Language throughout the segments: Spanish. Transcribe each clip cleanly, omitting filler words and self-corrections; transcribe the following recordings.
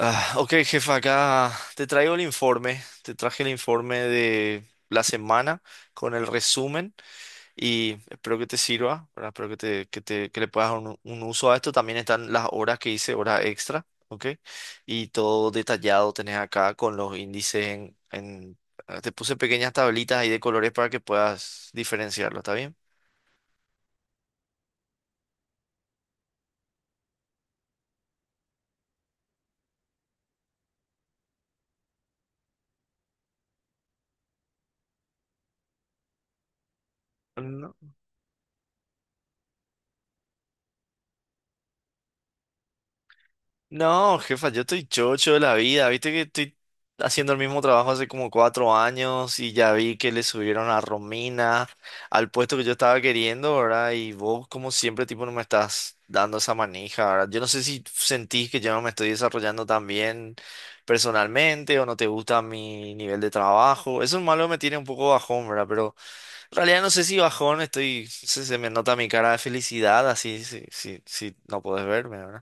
Ah, ok, jefa, acá te traigo el informe. Te traje el informe de la semana con el resumen y espero que te sirva, ¿verdad? Espero que le puedas dar un uso a esto. También están las horas que hice, horas extra, ¿ok? Y todo detallado tenés acá con los índices te puse pequeñas tablitas ahí de colores para que puedas diferenciarlo, ¿está bien? No, no, jefa, yo estoy chocho de la vida. Viste que estoy haciendo el mismo trabajo hace como 4 años y ya vi que le subieron a Romina al puesto que yo estaba queriendo, ¿verdad? Y vos, como siempre, tipo, no me estás dando esa manija, ¿verdad? Yo no sé si sentís que yo no me estoy desarrollando tan bien personalmente o no te gusta mi nivel de trabajo. Eso es malo que me tiene un poco bajón, ¿verdad? Pero en realidad no sé si bajón estoy, se me nota mi cara de felicidad, así, si no podés verme.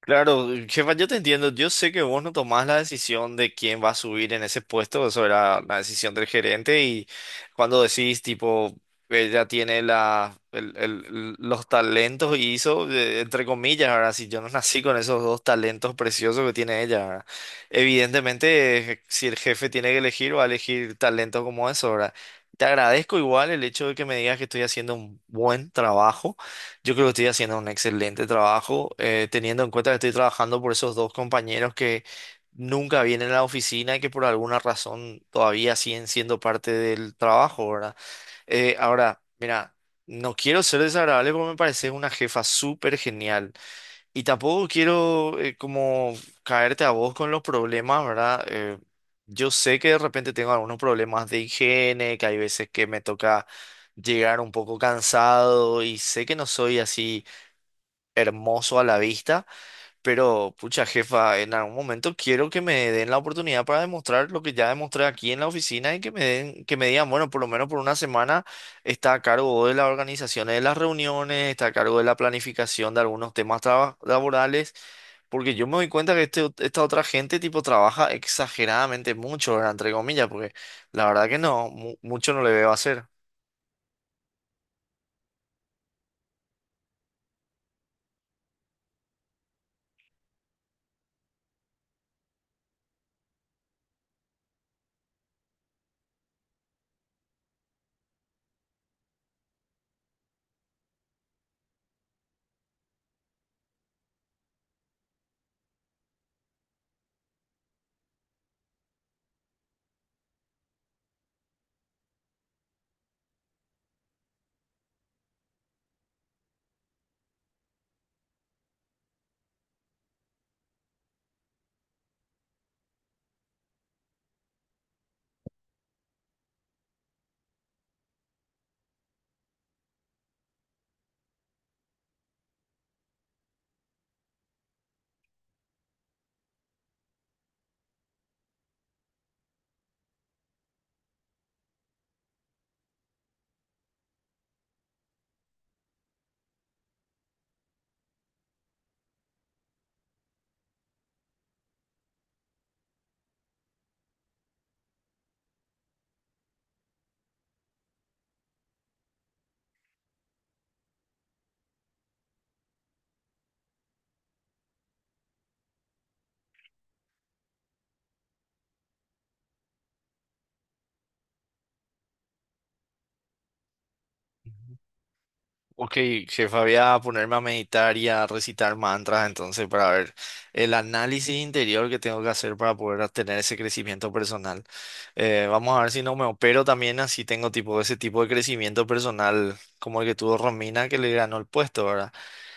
Claro, jefa, yo te entiendo. Yo sé que vos no tomás la decisión de quién va a subir en ese puesto. Eso era la decisión del gerente. Y cuando decís, tipo, ella tiene los talentos y hizo, entre comillas, ahora, si yo no nací con esos dos talentos preciosos que tiene ella, ¿verdad? Evidentemente, si el jefe tiene que elegir, va a elegir talentos como eso, ¿verdad? Te agradezco igual el hecho de que me digas que estoy haciendo un buen trabajo. Yo creo que estoy haciendo un excelente trabajo, teniendo en cuenta que estoy trabajando por esos dos compañeros que nunca vienen a la oficina y que por alguna razón todavía siguen siendo parte del trabajo, ¿verdad? Ahora, mira, no quiero ser desagradable porque me parece una jefa súper genial. Y tampoco quiero como caerte a vos con los problemas, ¿verdad? Yo sé que de repente tengo algunos problemas de higiene, que hay veces que me toca llegar un poco cansado y sé que no soy así hermoso a la vista, pero pucha jefa, en algún momento quiero que me den la oportunidad para demostrar lo que ya demostré aquí en la oficina y que me den, que me digan, bueno, por lo menos por una semana está a cargo de la organización de las reuniones, está a cargo de la planificación de algunos temas laborales. Porque yo me doy cuenta que esta otra gente tipo trabaja exageradamente mucho, ¿verdad? Entre comillas, porque la verdad que no, mucho no le veo hacer. Ok, jefa, voy a ponerme a meditar y a recitar mantras entonces para ver el análisis interior que tengo que hacer para poder tener ese crecimiento personal. Vamos a ver si no me opero también así tengo tipo ese tipo de crecimiento personal como el que tuvo Romina que le ganó el puesto, ¿verdad?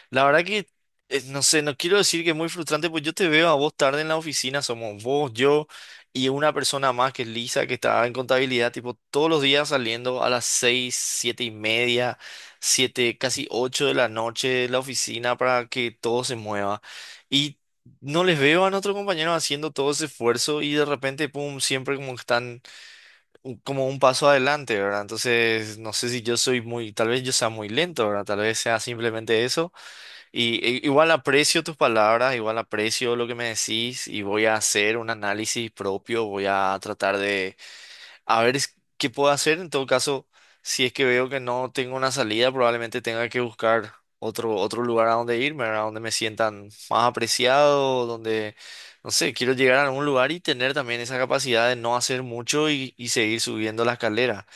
La verdad que, no sé, no quiero decir que es muy frustrante, pues yo te veo a vos tarde en la oficina, somos vos, yo y una persona más que es Lisa, que está en contabilidad, tipo todos los días saliendo a las 6, 7:30, 7, casi 8 de la noche de la oficina para que todo se mueva. Y no les veo a nuestros compañeros haciendo todo ese esfuerzo y de repente, pum, siempre como que están como un paso adelante, ¿verdad? Entonces, no sé si yo soy muy, tal vez yo sea muy lento, ¿verdad? Tal vez sea simplemente eso. Y igual aprecio tus palabras, igual aprecio lo que me decís y voy a hacer un análisis propio, voy a tratar de a ver qué puedo hacer. En todo caso, si es que veo que no tengo una salida, probablemente tenga que buscar otro lugar a donde irme, a donde me sientan más apreciado, donde, no sé, quiero llegar a algún lugar y tener también esa capacidad de no hacer mucho y seguir subiendo la escalera.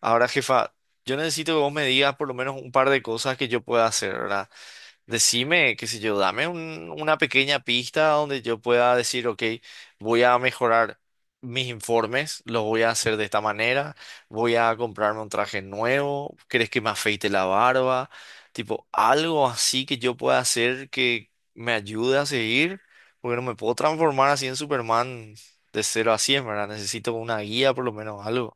Ahora, jefa, yo necesito que vos me digas por lo menos un par de cosas que yo pueda hacer, ¿verdad? Decime, qué sé yo, dame una pequeña pista donde yo pueda decir, ok, voy a mejorar mis informes, los voy a hacer de esta manera, voy a comprarme un traje nuevo, ¿crees que me afeite la barba? Tipo, algo así que yo pueda hacer que me ayude a seguir, porque no me puedo transformar así en Superman de 0 a 100, ¿verdad? Necesito una guía, por lo menos algo.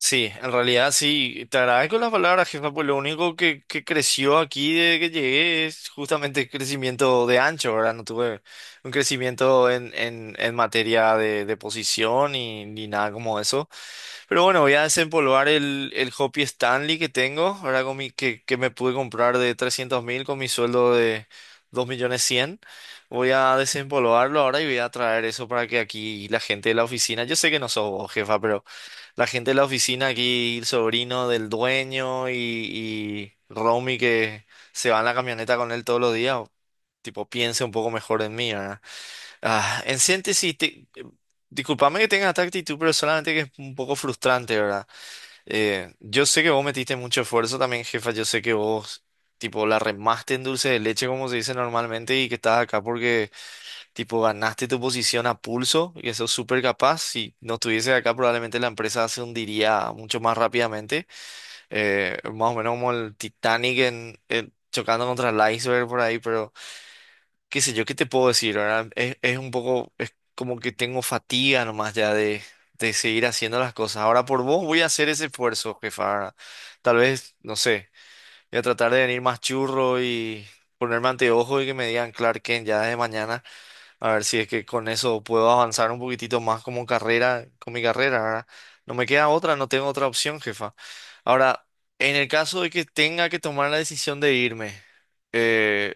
Sí, en realidad sí, te agradezco las palabras, jefa, pues lo único que creció aquí desde que llegué es justamente el crecimiento de ancho, ¿verdad? No tuve un crecimiento en materia de posición y, ni nada como eso. Pero bueno, voy a desempolvar el Hopi Stanley que tengo, ahora con que me pude comprar de 300.000 con mi sueldo de 2.000.100. Voy a desempolvarlo ahora y voy a traer eso para que aquí la gente de la oficina, yo sé que no sos vos, jefa, pero... La gente de la oficina aquí, el sobrino del dueño y Romy que se va en la camioneta con él todos los días, o- tipo, piense un poco mejor en mí, ¿verdad? Ah, en síntesis, discúlpame que tenga esta actitud, pero solamente que es un poco frustrante, ¿verdad? Yo sé que vos metiste mucho esfuerzo también, jefa, yo sé que vos, tipo, la remaste en dulce de leche, como se dice normalmente, y que estás acá porque tipo, ganaste tu posición a pulso y eso es súper capaz. Si no estuviese acá, probablemente la empresa se hundiría mucho más rápidamente. Más o menos como el Titanic chocando contra el iceberg por ahí, pero qué sé yo, ¿qué te puedo decir, ¿verdad? Es un poco, es como que tengo fatiga nomás ya de seguir haciendo las cosas. Ahora por vos voy a hacer ese esfuerzo, jefa, ¿verdad? Tal vez, no sé, voy a tratar de venir más churro y ponerme anteojos y que me digan Clark Kent ya desde mañana. A ver si es que con eso puedo avanzar un poquitito más como carrera, con mi carrera, ¿verdad? No me queda otra, no tengo otra opción, jefa. Ahora, en el caso de que tenga que tomar la decisión de irme, eh,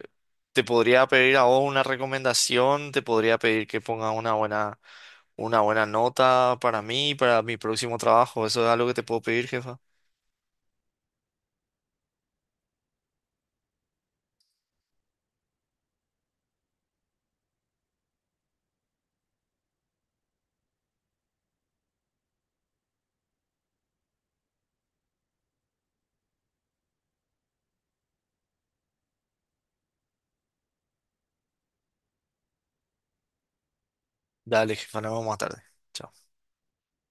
te podría pedir a vos una recomendación, te podría pedir que pongas una buena nota para mí, para mi próximo trabajo. Eso es algo que te puedo pedir, jefa. Dale, jefa, nos vemos más tarde. Chao.